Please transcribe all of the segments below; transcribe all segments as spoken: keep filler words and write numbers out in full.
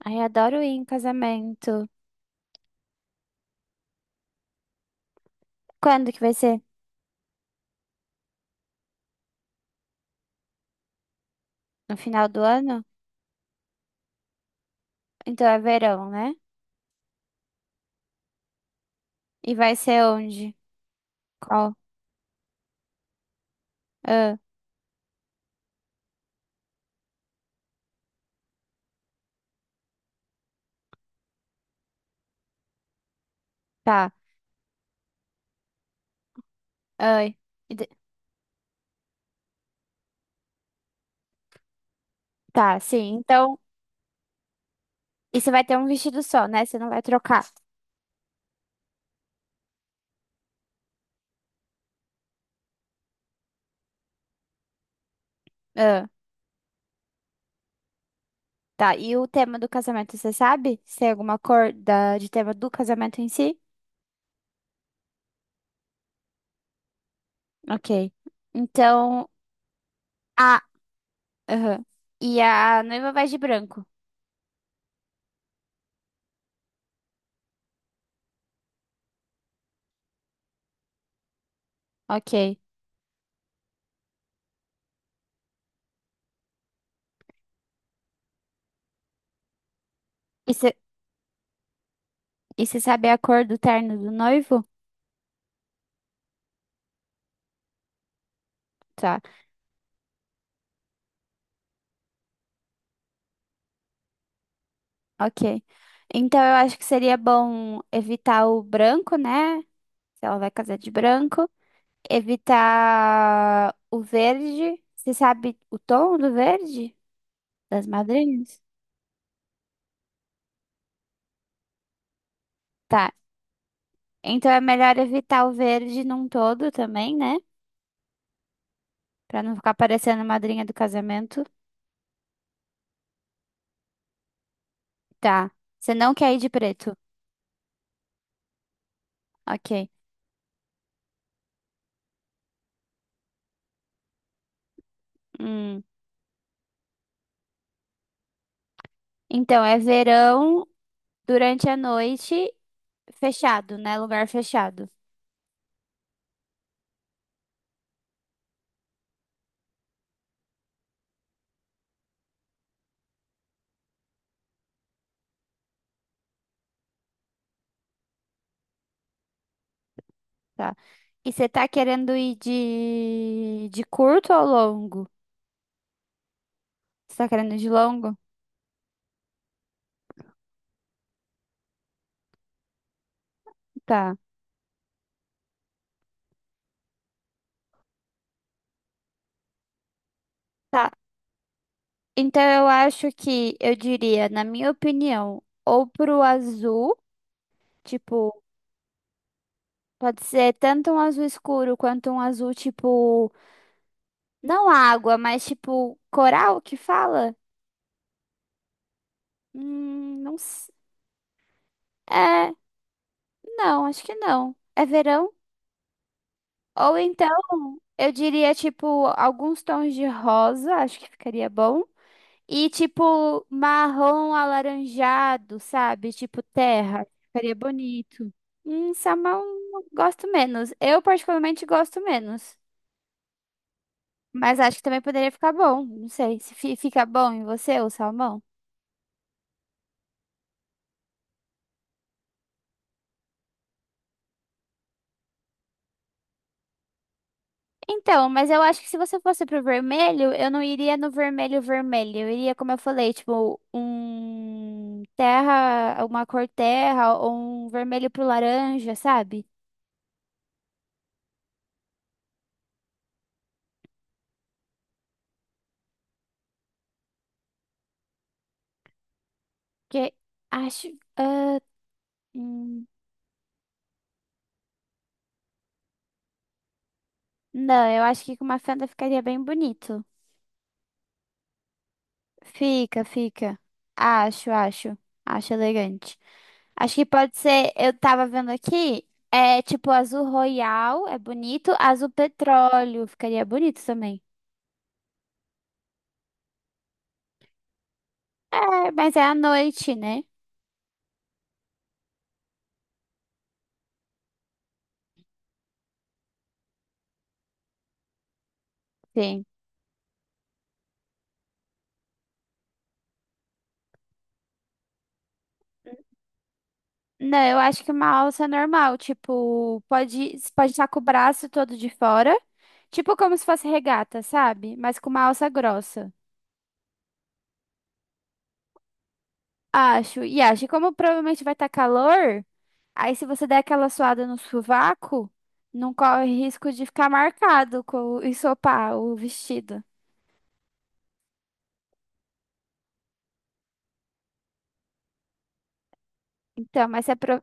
Ai, adoro ir em casamento. Quando que vai ser? No final do ano? Então é verão, né? E vai ser onde? Qual? Ah, tá. Ai. E de- Tá, sim. Então, e você vai ter um vestido só, né? Você não vai trocar. Ah, tá. E o tema do casamento, você sabe? Se tem alguma cor da... de tema do casamento em si? Ok. Então, a... aham. E a noiva vai de branco. Ok. E você e você sabe a cor do terno do noivo? Tá. Ok. Então eu acho que seria bom evitar o branco, né? Se ela vai casar de branco. Evitar o verde. Você sabe o tom do verde das madrinhas? Tá. Então é melhor evitar o verde num todo também, né? Pra não ficar parecendo a madrinha do casamento. Tá. Você não quer ir de preto. Ok. Hum. Então é verão durante a noite, fechado, né? Lugar fechado. Tá. E você tá querendo ir de, de curto ou longo? Você tá querendo ir de longo? Tá. Tá. Então eu acho que eu diria, na minha opinião, ou pro azul, tipo, pode ser tanto um azul escuro quanto um azul tipo, não água, mas tipo coral que fala? Hum, não sei. É, não, acho que não. É verão? Ou então, eu diria tipo alguns tons de rosa, acho que ficaria bom. E tipo marrom alaranjado, sabe? Tipo terra. Ficaria bonito. Hum, salmão gosto menos. Eu particularmente gosto menos. Mas acho que também poderia ficar bom. Não sei se fi- fica bom em você o salmão. Então, mas eu acho que se você fosse pro vermelho, eu não iria no vermelho vermelho. Eu iria, como eu falei, tipo, um terra, uma cor terra ou um vermelho pro laranja, sabe? Porque acho. ah, hum, Não, eu acho que com uma fenda ficaria bem bonito. Fica, fica. Acho, acho. Acho elegante. Acho que pode ser, eu tava vendo aqui, é tipo azul royal, é bonito, azul petróleo, ficaria bonito também. É, mas é à noite, né? Sim. Não, eu acho que uma alça normal, tipo, pode, pode estar com o braço todo de fora, tipo como se fosse regata, sabe? Mas com uma alça grossa. Acho, e acho, e como provavelmente vai estar calor, aí se você der aquela suada no sovaco, não corre risco de ficar marcado com o ensopar o vestido. Então, mas você apro-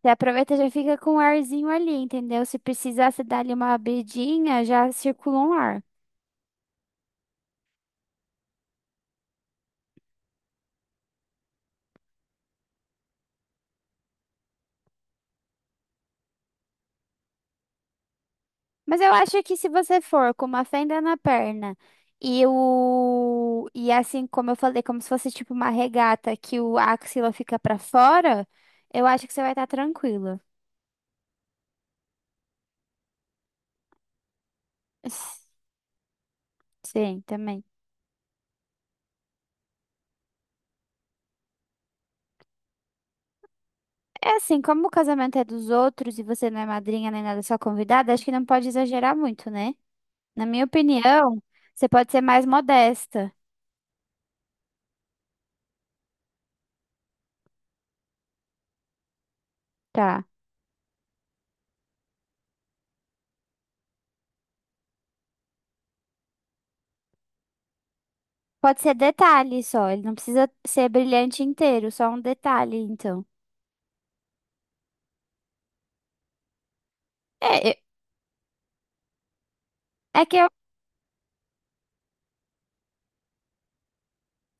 você aproveita e já fica com um arzinho ali, entendeu? Se precisar, você dá ali uma abridinha, já circula um ar. Mas eu acho que se você for com uma fenda na perna e o e assim, como eu falei, como se fosse tipo uma regata que o axila fica pra fora, eu acho que você vai estar tranquila. Sim, também. É assim, como o casamento é dos outros e você não é madrinha nem nada, é só convidada, acho que não pode exagerar muito, né? Na minha opinião, você pode ser mais modesta, tá? Pode ser detalhe só, ele não precisa ser brilhante inteiro, só um detalhe, então. É, é é que eu.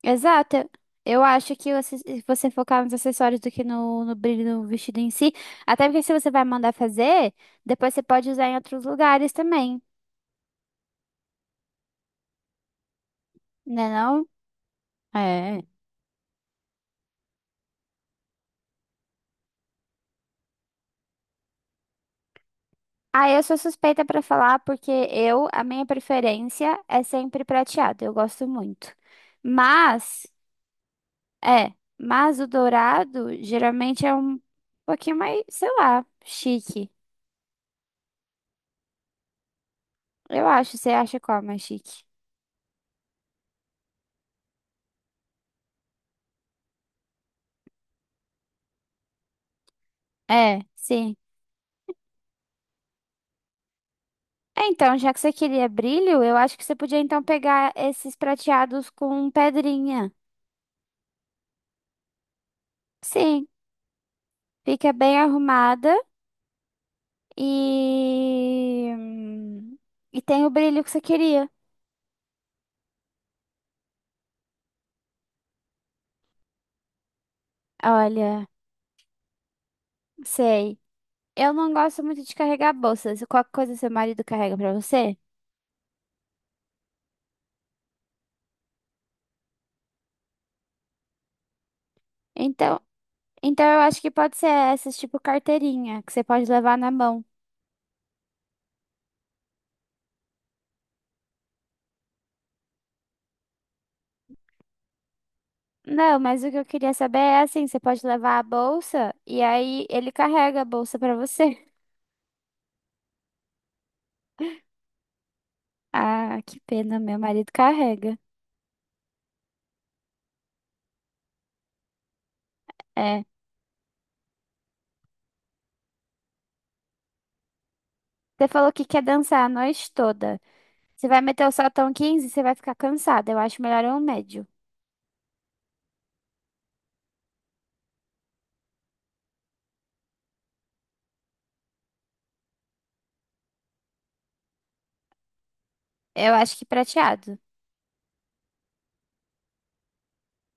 Exato, eu eu acho que você- se você focar nos acessórios do que no, no brilho do vestido em si, até porque se você vai mandar fazer, depois você pode usar em outros lugares também, né não? É. Ah, eu sou suspeita pra falar porque eu, a minha preferência é sempre prateado, eu gosto muito. Mas, é, mas o dourado geralmente é um pouquinho mais, sei lá, chique. Eu acho, você acha qual mais chique? É, sim. É, então, já que você queria brilho, eu acho que você podia então pegar esses prateados com pedrinha. Sim, fica bem arrumada e e tem o brilho que você queria. Olha. Sei. Eu não gosto muito de carregar bolsas. Qualquer coisa seu marido carrega pra você? Então, então eu acho que pode ser essas, tipo carteirinha, que você pode levar na mão. Não, mas o que eu queria saber é assim, você pode levar a bolsa e aí ele carrega a bolsa pra você. Ah, que pena, meu marido carrega. É. Você falou que quer dançar a noite toda. Você vai meter o saltão quinze, você vai ficar cansada. Eu acho melhor um médio. Eu acho que prateado.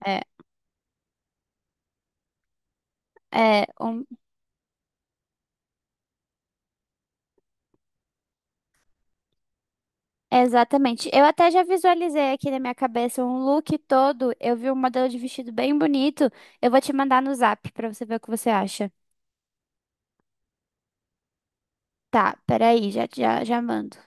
É, é um Exatamente. Eu até já visualizei aqui na minha cabeça um look todo. Eu vi um modelo de vestido bem bonito. Eu vou te mandar no zap pra você ver o que você acha. Tá, peraí, já, já, já mando.